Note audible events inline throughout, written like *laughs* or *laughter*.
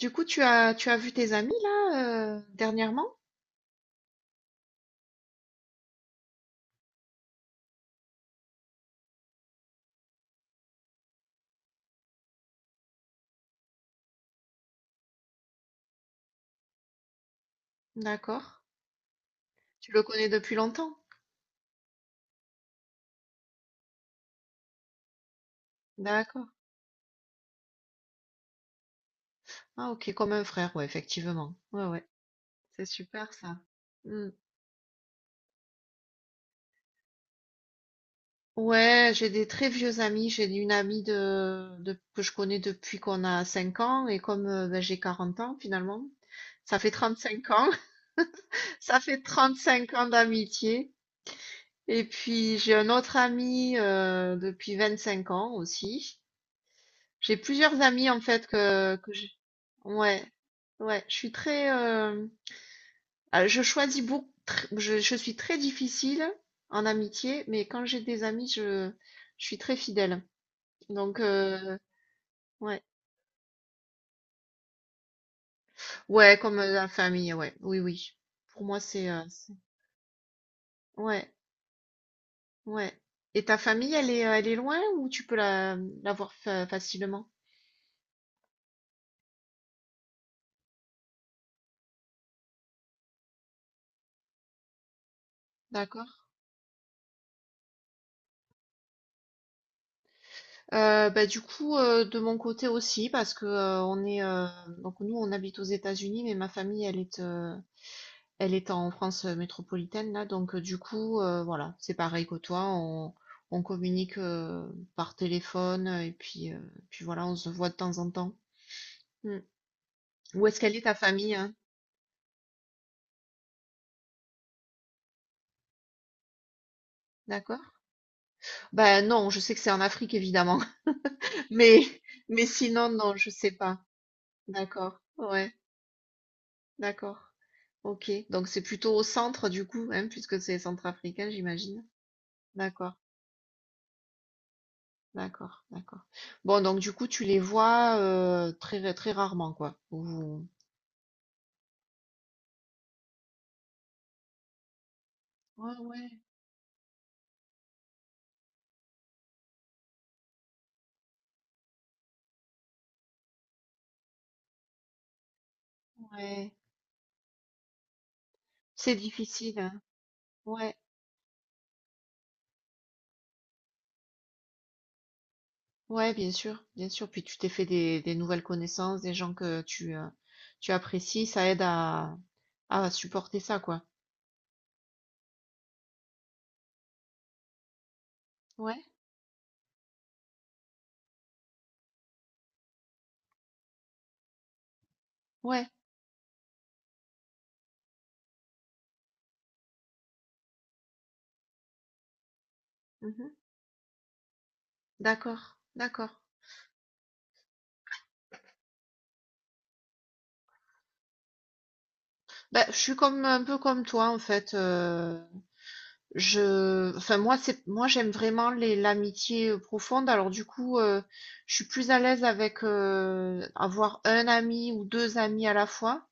Du coup, tu as vu tes amis là, dernièrement? D'accord. Tu le connais depuis longtemps? D'accord. Ah OK, comme un frère, ouais, effectivement. Ouais, ouais, c'est super ça. Mmh. Ouais, j'ai des très vieux amis. J'ai une amie de que je connais depuis qu'on a 5 ans et comme, bah, j'ai 40 ans finalement, ça fait 35 ans. *laughs* Ça fait 35 ans d'amitié et puis j'ai un autre ami, depuis 5 ans aussi. J'ai plusieurs amis en fait que j'ai. Ouais, ouais, je suis très, ah, je choisis beaucoup. Je suis très difficile en amitié, mais quand j'ai des amis, je suis très fidèle. Donc, ouais, ouais, comme la famille, ouais, oui, oui. Pour moi, ouais, ouais. Et ta famille, elle est loin ou tu peux la voir facilement? D'accord. Bah, du coup, de mon côté aussi parce que, on est, donc nous, on habite aux États-Unis, mais ma famille, elle est en France, métropolitaine là, donc du coup, voilà, c'est pareil que toi, on communique, par téléphone, et puis voilà, on se voit de temps en temps. Mmh. Où est-ce qu'elle est ta famille, hein? D'accord. Bah, non, je sais que c'est en Afrique évidemment, *laughs* mais mais sinon non, je sais pas. D'accord. Ouais, d'accord. OK, donc c'est plutôt au centre du coup, hein, puisque c'est centrafricain, j'imagine. D'accord, d'accord, d'accord. Bon, donc du coup, tu les vois très très rarement, quoi. Ouais, ouais, ouais. C'est difficile, hein. Ouais, ouais, bien sûr, bien sûr. Puis tu t'es fait des nouvelles connaissances, des gens que tu apprécies, ça aide à supporter ça, quoi. Ouais, ouais. Mhm. D'accord, d'accord. Bah, je suis comme un peu comme toi en fait. Enfin moi j'aime vraiment les l'amitié profonde. Alors du coup, je suis plus à l'aise avec avoir un ami ou deux amis à la fois.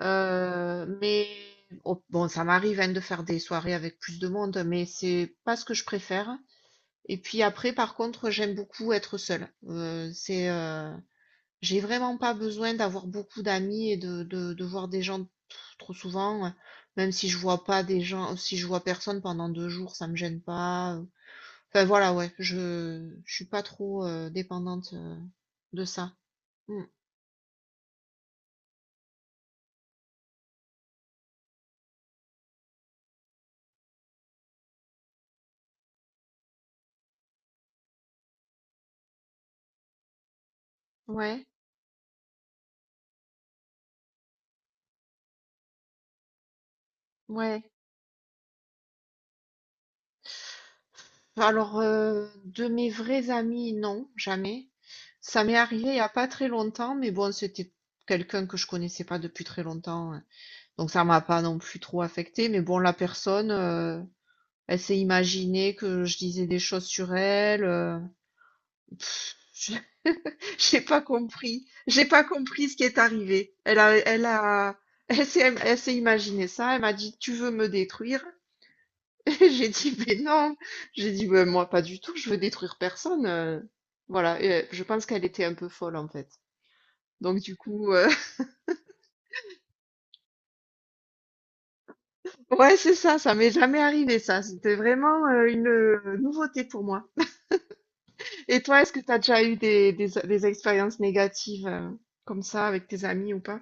Mais oh, bon, ça m'arrive, hein, de faire des soirées avec plus de monde, mais c'est pas ce que je préfère. Et puis après, par contre, j'aime beaucoup être seule. C'est J'ai vraiment pas besoin d'avoir beaucoup d'amis et de voir des gens trop souvent, même si je vois pas des gens, si je vois personne pendant 2 jours, ça me gêne pas. Enfin voilà, ouais, je suis pas trop dépendante de ça. Mm. Ouais, ouais. Alors, de mes vrais amis, non, jamais. Ça m'est arrivé il n'y a pas très longtemps, mais bon, c'était quelqu'un que je connaissais pas depuis très longtemps, hein. Donc ça m'a pas non plus trop affecté. Mais bon, la personne, elle s'est imaginée que je disais des choses sur elle. Pff, je- *laughs* j'ai pas compris ce qui est arrivé. *laughs* Elle s'est imaginé ça. Elle m'a dit, tu veux me détruire? *laughs* J'ai dit, mais non, j'ai dit, mais moi pas du tout, je veux détruire personne. Voilà, et, je pense qu'elle était un peu folle en fait. Donc du coup, *laughs* ouais, c'est ça, ça m'est jamais arrivé ça. C'était vraiment une nouveauté pour moi. Et toi, est-ce que tu as déjà eu des expériences négatives comme ça avec tes amis ou pas?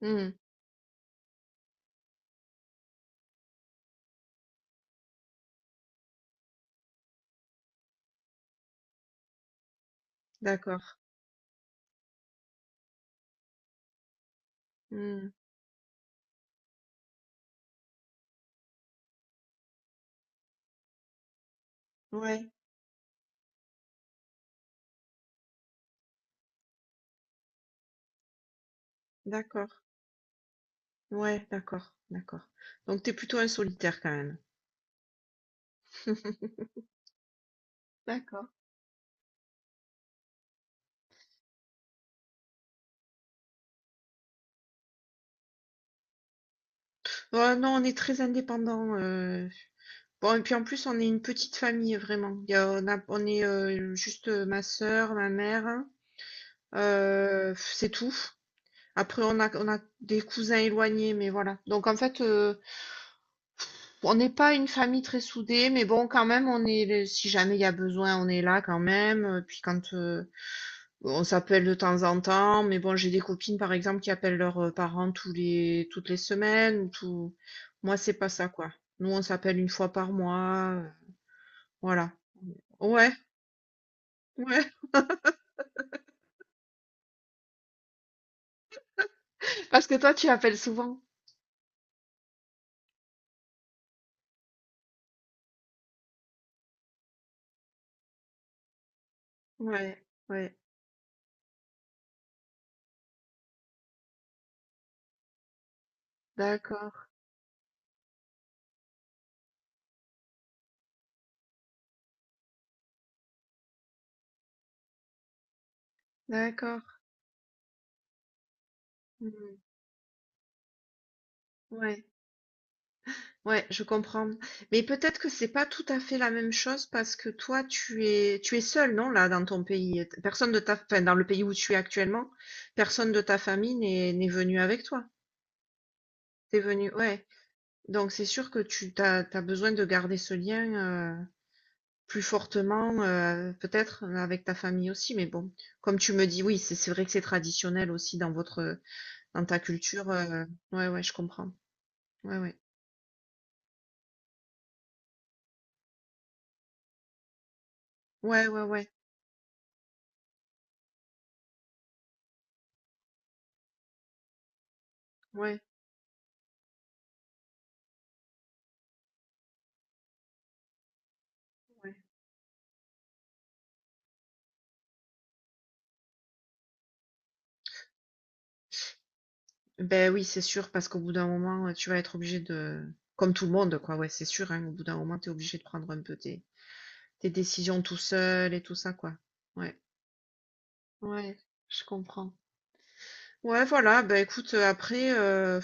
Hmm, d'accord. Hmm, ouais, d'accord. Ouais, d'accord, d'accord. Donc t'es plutôt un solitaire quand même. *laughs* D'accord. Ouais, non, on est très indépendant. Bon, et puis en plus, on est une petite famille, vraiment. On est juste ma sœur, ma mère, hein. C'est tout. Après, on a des cousins éloignés, mais voilà. Donc en fait, on n'est pas une famille très soudée, mais bon, quand même, si jamais il y a besoin, on est là quand même. Puis quand on s'appelle de temps en temps, mais bon, j'ai des copines, par exemple, qui appellent leurs parents toutes les semaines. Moi, c'est pas ça, quoi. Nous, on s'appelle une fois par mois. Voilà. Ouais. Ouais. Parce que toi, tu appelles souvent? Ouais, ouais, d'accord, d'accord. Mhm. Ouais, ouais, je comprends. Mais peut-être que c'est pas tout à fait la même chose parce que toi, tu es seul, non, là, dans ton pays. Personne de ta, enfin, dans le pays où tu es actuellement, personne de ta famille n'est venu avec toi. T'es venu, ouais. Donc c'est sûr que t'as besoin de garder ce lien plus fortement, peut-être avec ta famille aussi. Mais bon, comme tu me dis, oui, c'est vrai que c'est traditionnel aussi dans ta culture, ouais, ouais, je comprends. Ouais, ouais. Ouais, ouais, ouais, ouais, ouais. Beh, oui, c'est sûr, parce qu'au bout d'un moment, tu vas être obligé de comme tout le monde, quoi, ouais, c'est sûr, hein, au bout d'un moment, t'es obligé de prendre un peu tes décisions tout seul et tout ça, quoi. Ouais, ouais, je comprends. Ouais, voilà, Ben écoute, après,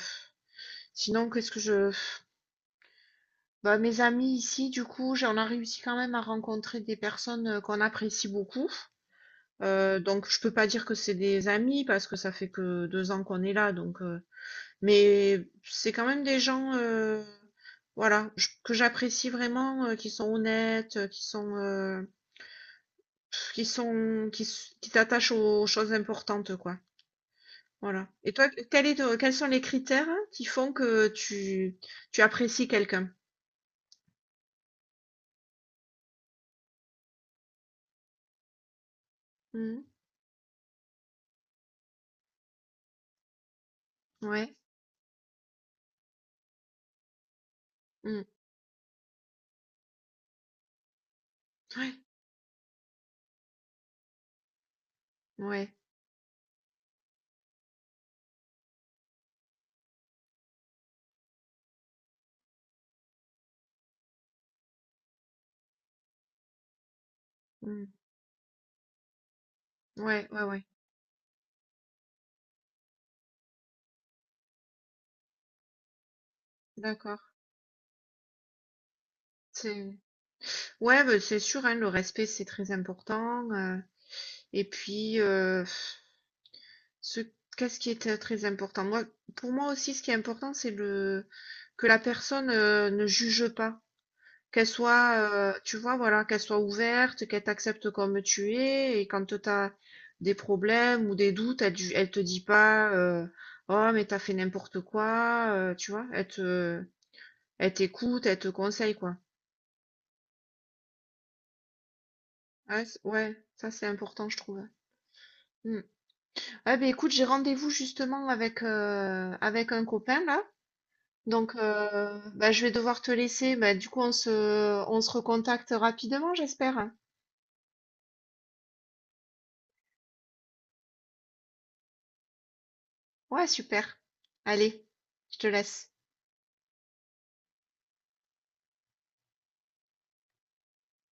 sinon qu'est-ce que je bah, mes amis ici, du coup, j'en a réussi quand même à rencontrer des personnes, qu'on apprécie beaucoup. Donc je peux pas dire que c'est des amis parce que ça fait que 2 ans qu'on est là donc mais c'est quand même des gens, voilà, j que j'apprécie vraiment, qui sont honnêtes, qui s'attachent aux choses importantes, quoi. Voilà et toi, quel est te quels sont les critères qui font que tu apprécies quelqu'un? Mmh. Ouais. Mmh. Ouais. Ouais. Mmh. Ouais, ouais, ouais. D'accord. C'est Ouais, ben, c'est sûr, hein, le respect, c'est très important. Et puis, ce, qu'est-ce qui est très important? Moi, pour moi aussi, ce qui est important, que la personne ne juge pas. Qu'elle soit, tu vois, voilà, qu'elle soit ouverte, qu'elle t'accepte comme tu es. Et quand tu as des problèmes ou des doutes, elle te dit pas, oh, mais t'as fait n'importe quoi, tu vois, elle t'écoute, elle te conseille, quoi. Ouais, ouais, ça, c'est important, je trouve, hein. Mm. Ah ben écoute, j'ai rendez-vous justement avec un copain là. Donc bah, je vais devoir te laisser. Bah, du coup, on se recontacte rapidement, j'espère. Ouais, super. Allez, je te laisse.